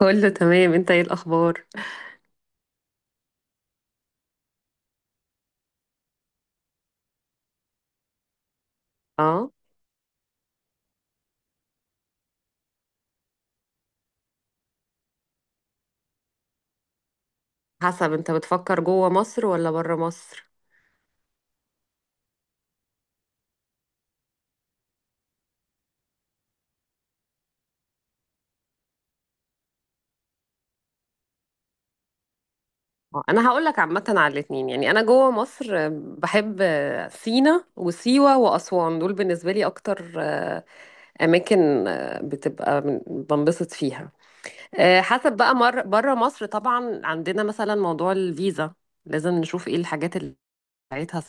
كله تمام، انت ايه الاخبار؟ اه. حسب، انت بتفكر جوه مصر ولا بره مصر؟ اه، انا هقول لك عامه على الاتنين. يعني انا جوه مصر، بحب سينا وسيوه واسوان، دول بالنسبه لي اكتر اماكن بتبقى بنبسط فيها. حسب بقى مر بره مصر، طبعا عندنا مثلا موضوع الفيزا، لازم نشوف ايه الحاجات اللي بتاعتها.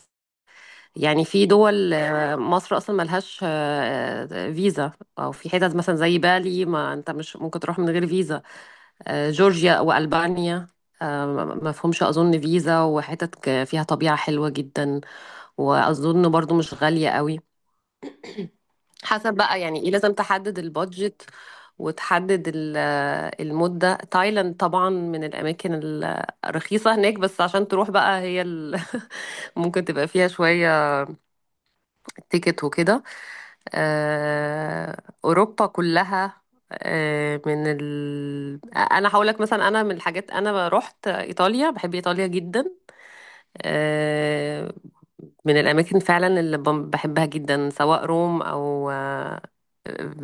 يعني في دول مصر اصلا ملهاش فيزا، او في حتت مثلا زي بالي، ما انت مش ممكن تروح من غير فيزا، جورجيا والبانيا آه، ما فيهمش اظن فيزا، وحتت فيها طبيعة حلوة جدا، واظن برضو مش غالية قوي. حسب بقى يعني ايه، لازم تحدد البادجت وتحدد المدة. تايلاند طبعا من الأماكن الرخيصة هناك، بس عشان تروح بقى هي ممكن تبقى فيها شوية تيكت وكده. آه، اوروبا كلها، انا هقول لك مثلا، انا من الحاجات، انا رحت ايطاليا، بحب ايطاليا جدا، آه، من الاماكن فعلا اللي بحبها جدا، سواء روم او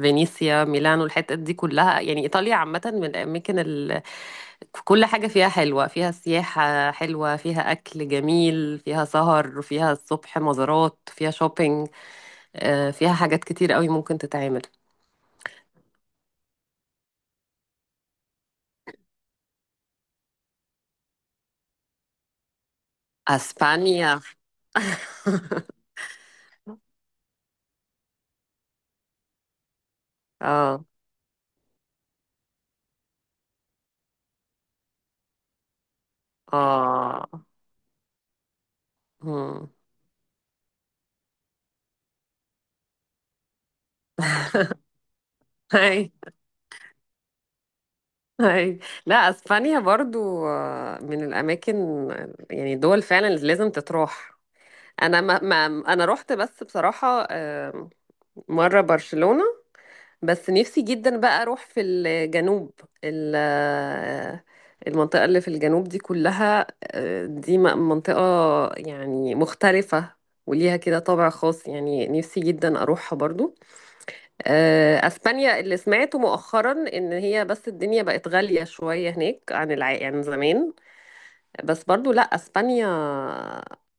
فينيسيا ميلانو، الحتت دي كلها. يعني ايطاليا عامه من الاماكن. كل حاجه فيها حلوه، فيها سياحه حلوه، فيها اكل جميل، فيها سهر، فيها الصبح مزارات، فيها شوبينج، فيها حاجات كتير قوي ممكن تتعمل. اسبانيا. اه. اه. مم. هاي هاي. لا، اسبانيا برضو من الاماكن، يعني دول فعلا اللي لازم تتروح. انا ما، انا رحت بس بصراحة مرة برشلونة، بس نفسي جدا بقى اروح في الجنوب، المنطقة اللي في الجنوب دي كلها، دي منطقة يعني مختلفة وليها كده طابع خاص، يعني نفسي جدا اروحها برضو. اسبانيا، اللي سمعته مؤخرا ان هي، بس الدنيا بقت غالية شوية هناك عن زمان، بس برضو لا، اسبانيا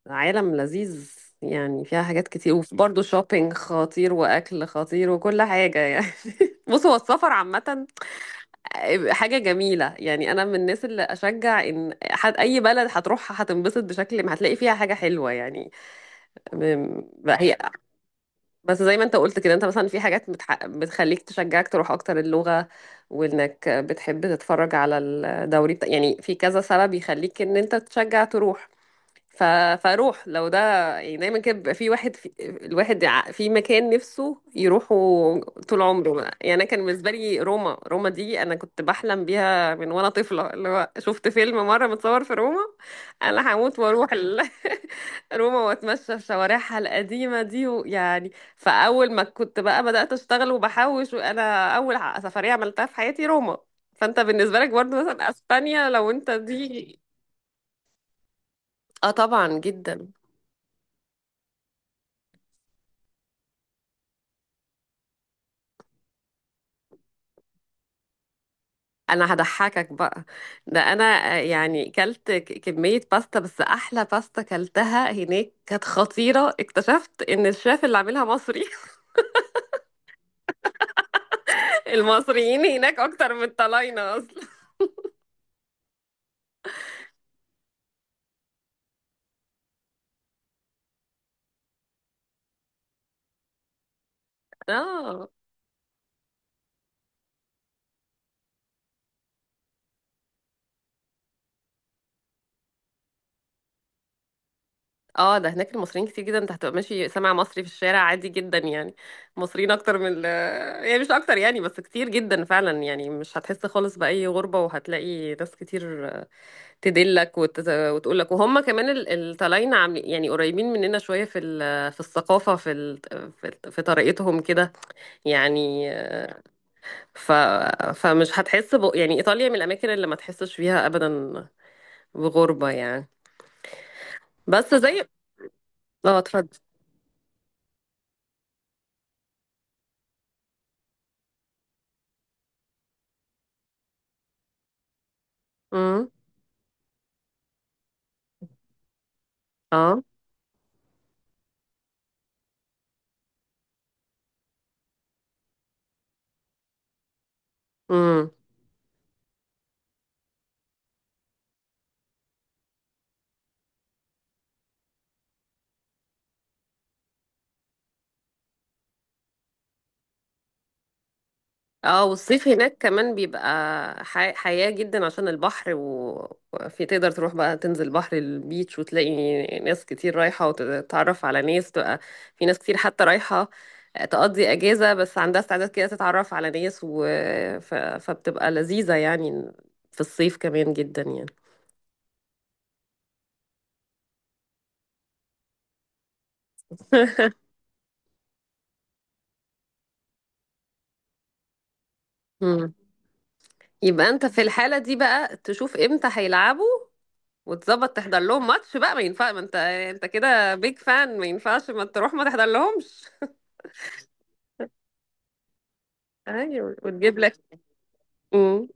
عالم لذيذ، يعني فيها حاجات كتير، وبرضه شوبينج خطير واكل خطير وكل حاجة يعني. بص، هو السفر عامة حاجة جميلة، يعني انا من الناس اللي اشجع ان حد اي بلد هتروحها هتنبسط، بشكل ما هتلاقي فيها حاجة حلوة يعني. بقى هي، بس زي ما انت قلت كده، انت مثلا في حاجات بتخليك تشجعك تروح اكتر، اللغة، وانك بتحب تتفرج على الدوري، يعني في كذا سبب يخليك ان انت تشجع تروح. ف... فاروح لو ده يعني. دايما كده بيبقى في واحد، الواحد في مكان نفسه يروحه طول عمره بقى. يعني انا كان بالنسبه لي روما، روما دي انا كنت بحلم بيها من وانا طفله، اللي هو شفت فيلم مره متصور في روما، انا هموت واروح. روما، واتمشى في شوارعها القديمه دي ويعني، فاول ما كنت بقى بدات اشتغل وبحوش، وانا اول سفريه عملتها في حياتي روما. فانت بالنسبه لك برضه مثلا اسبانيا لو انت دي. اه طبعا، جدا. انا هضحكك بقى، ده انا يعني كلت كمية باستا، بس احلى باستا كلتها هناك كانت خطيرة، اكتشفت ان الشيف اللي عاملها مصري. المصريين هناك اكتر من الطلاينة اصلا. اه. اه. ده هناك المصريين كتير جدا، انت هتبقى ماشي سامع مصري في الشارع عادي جدا يعني. مصريين اكتر من. يعني مش اكتر يعني، بس كتير جدا فعلا، يعني مش هتحس خالص بأي غربة، وهتلاقي ناس كتير تدلك وتقول لك، وهم كمان الطلاينة عاملين يعني قريبين مننا شوية في في الثقافة، في في طريقتهم كده يعني. ف... فمش هتحس. يعني إيطاليا من الأماكن اللي ما تحسش فيها أبدا بغربة يعني. بس زي. اه. اتفضل. امم. اه. امم. اه. والصيف هناك كمان بيبقى حياة جدا، عشان البحر، وفي تقدر تروح بقى تنزل بحر البيتش، وتلاقي ناس كتير رايحة وتتعرف على ناس، تبقى في ناس كتير حتى رايحة تقضي أجازة، بس عندها استعداد كده تتعرف على ناس. فبتبقى لذيذة يعني في الصيف كمان جدا يعني. مم. يبقى انت في الحالة دي بقى تشوف امتى هيلعبوا، وتظبط تحضر لهم ماتش بقى، ما ينفع، ما انت كده بيج فان، ما ينفعش ما تروح ما تحضر لهمش. ايوه وتجيب لك. امم.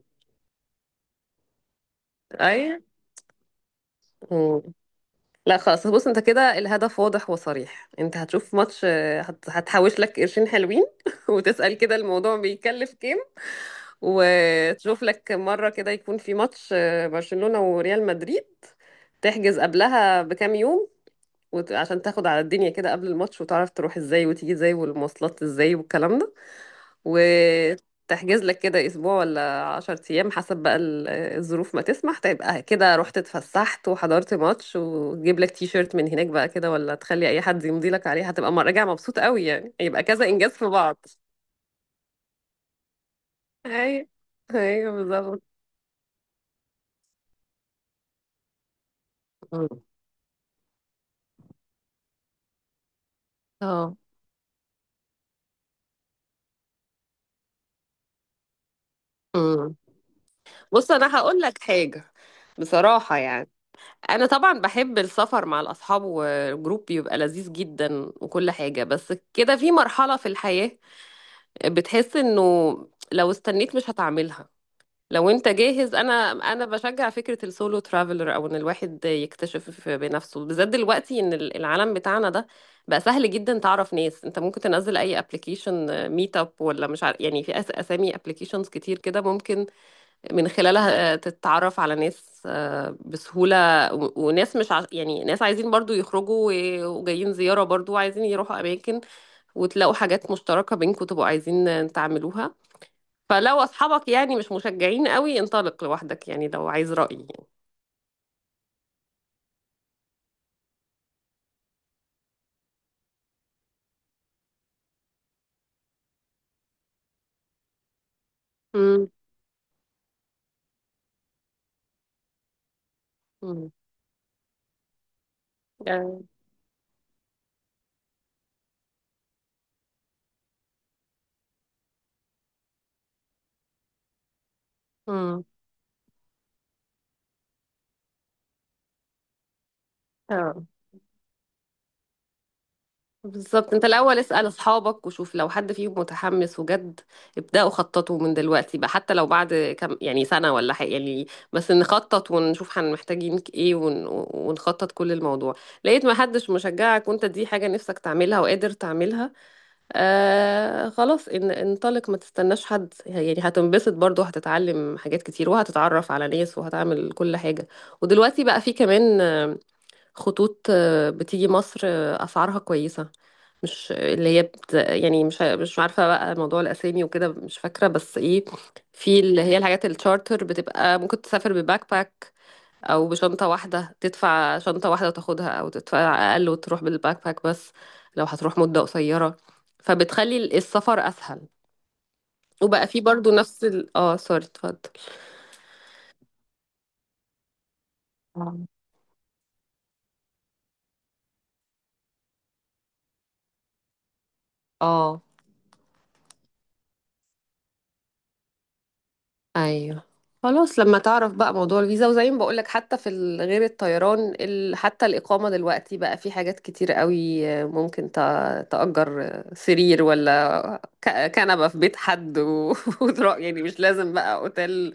ايوه. مم. لا، خلاص، بص، انت كده الهدف واضح وصريح، انت هتشوف ماتش، هتحوش لك قرشين حلوين، وتسأل كده الموضوع بيكلف كام، وتشوف لك مرة كده يكون في ماتش برشلونة وريال مدريد، تحجز قبلها بكام يوم، عشان تاخد على الدنيا كده قبل الماتش، وتعرف تروح ازاي وتيجي ازاي والمواصلات ازاي والكلام ده، وتحجز لك كده اسبوع ولا عشر ايام حسب بقى الظروف ما تسمح، تبقى كده رحت اتفسحت وحضرت ماتش، وتجيب لك تي شيرت من هناك بقى، كده، ولا تخلي اي حد يمضي لك عليه، هتبقى راجع مبسوط قوي يعني، يبقى كذا انجاز في بعض. ايوه. ايوه بالظبط. مم. اه. مم. بص، انا هقول لك حاجه بصراحه يعني، انا طبعا بحب السفر مع الاصحاب، والجروب بيبقى لذيذ جدا وكل حاجه، بس كده في مرحله في الحياه بتحس انه لو استنيت مش هتعملها، لو انت جاهز، انا بشجع فكره السولو ترافلر، او ان الواحد يكتشف بنفسه، بالذات دلوقتي ان العالم بتاعنا ده بقى سهل جدا تعرف ناس، انت ممكن تنزل اي ابلكيشن ميت اب ولا مش عارف، يعني في اسامي ابلكيشنز كتير كده ممكن من خلالها تتعرف على ناس بسهولة، وناس مش ع... يعني ناس عايزين برضو يخرجوا وجايين زيارة برضو، وعايزين يروحوا أماكن، وتلاقوا حاجات مشتركة بينكم تبقوا عايزين تعملوها. فلو أصحابك يعني مش مشجعين قوي، انطلق لوحدك يعني، لو عايز رأيي يعني. امم. امم. امم. بالظبط، انت الاول اسأل اصحابك وشوف لو حد فيهم متحمس وجد، ابدأوا خططوا من دلوقتي بقى، حتى لو بعد كم يعني سنة ولا حاجة يعني، بس نخطط ونشوف هن محتاجين ايه، ونخطط كل الموضوع. لقيت ما حدش مشجعك، وانت دي حاجة نفسك تعملها وقادر تعملها، آه خلاص، انطلق، ما تستناش حد، يعني هتنبسط برضو، هتتعلم حاجات كتير، وهتتعرف على ناس، وهتعمل كل حاجة. ودلوقتي بقى في كمان خطوط بتيجي مصر أسعارها كويسة، مش اللي هي يعني مش عارفه بقى موضوع الاسامي وكده مش فاكره، بس ايه، في اللي هي الحاجات التشارتر بتبقى، ممكن تسافر بباك باك، او بشنطه واحده، تدفع شنطه واحده وتاخدها، او تدفع اقل وتروح بالباك باك بس، لو هتروح مده قصيره فبتخلي السفر اسهل. وبقى في برضو نفس اه سوري اتفضل. آه. اه. ايوه. خلاص لما تعرف بقى موضوع الفيزا، وزي ما بقولك، حتى في غير الطيران، حتى الإقامة دلوقتي بقى في حاجات كتير قوي، ممكن تأجر سرير ولا كنبة في بيت حد، وتروح، يعني مش لازم بقى اوتيل،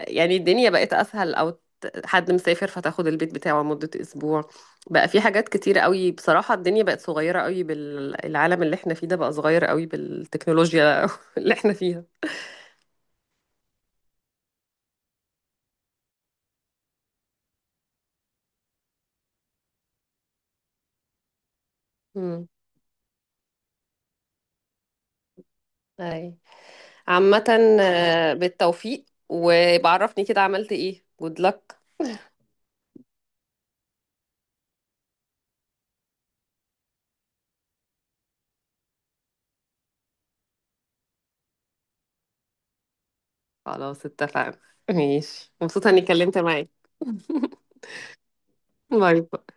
يعني الدنيا بقت أسهل، أو حد مسافر فتاخد البيت بتاعه مدة أسبوع. بقى في حاجات كتير قوي بصراحة، الدنيا بقت صغيرة قوي، بالعالم اللي احنا فيه ده بقى صغير قوي بالتكنولوجيا اللي احنا فيها. امم. عامة بالتوفيق، وبعرفني كده عملت ايه. good luck. خلاص اتفقنا. ماشي، مبسوطة اني اتكلمت معاك. باي باي.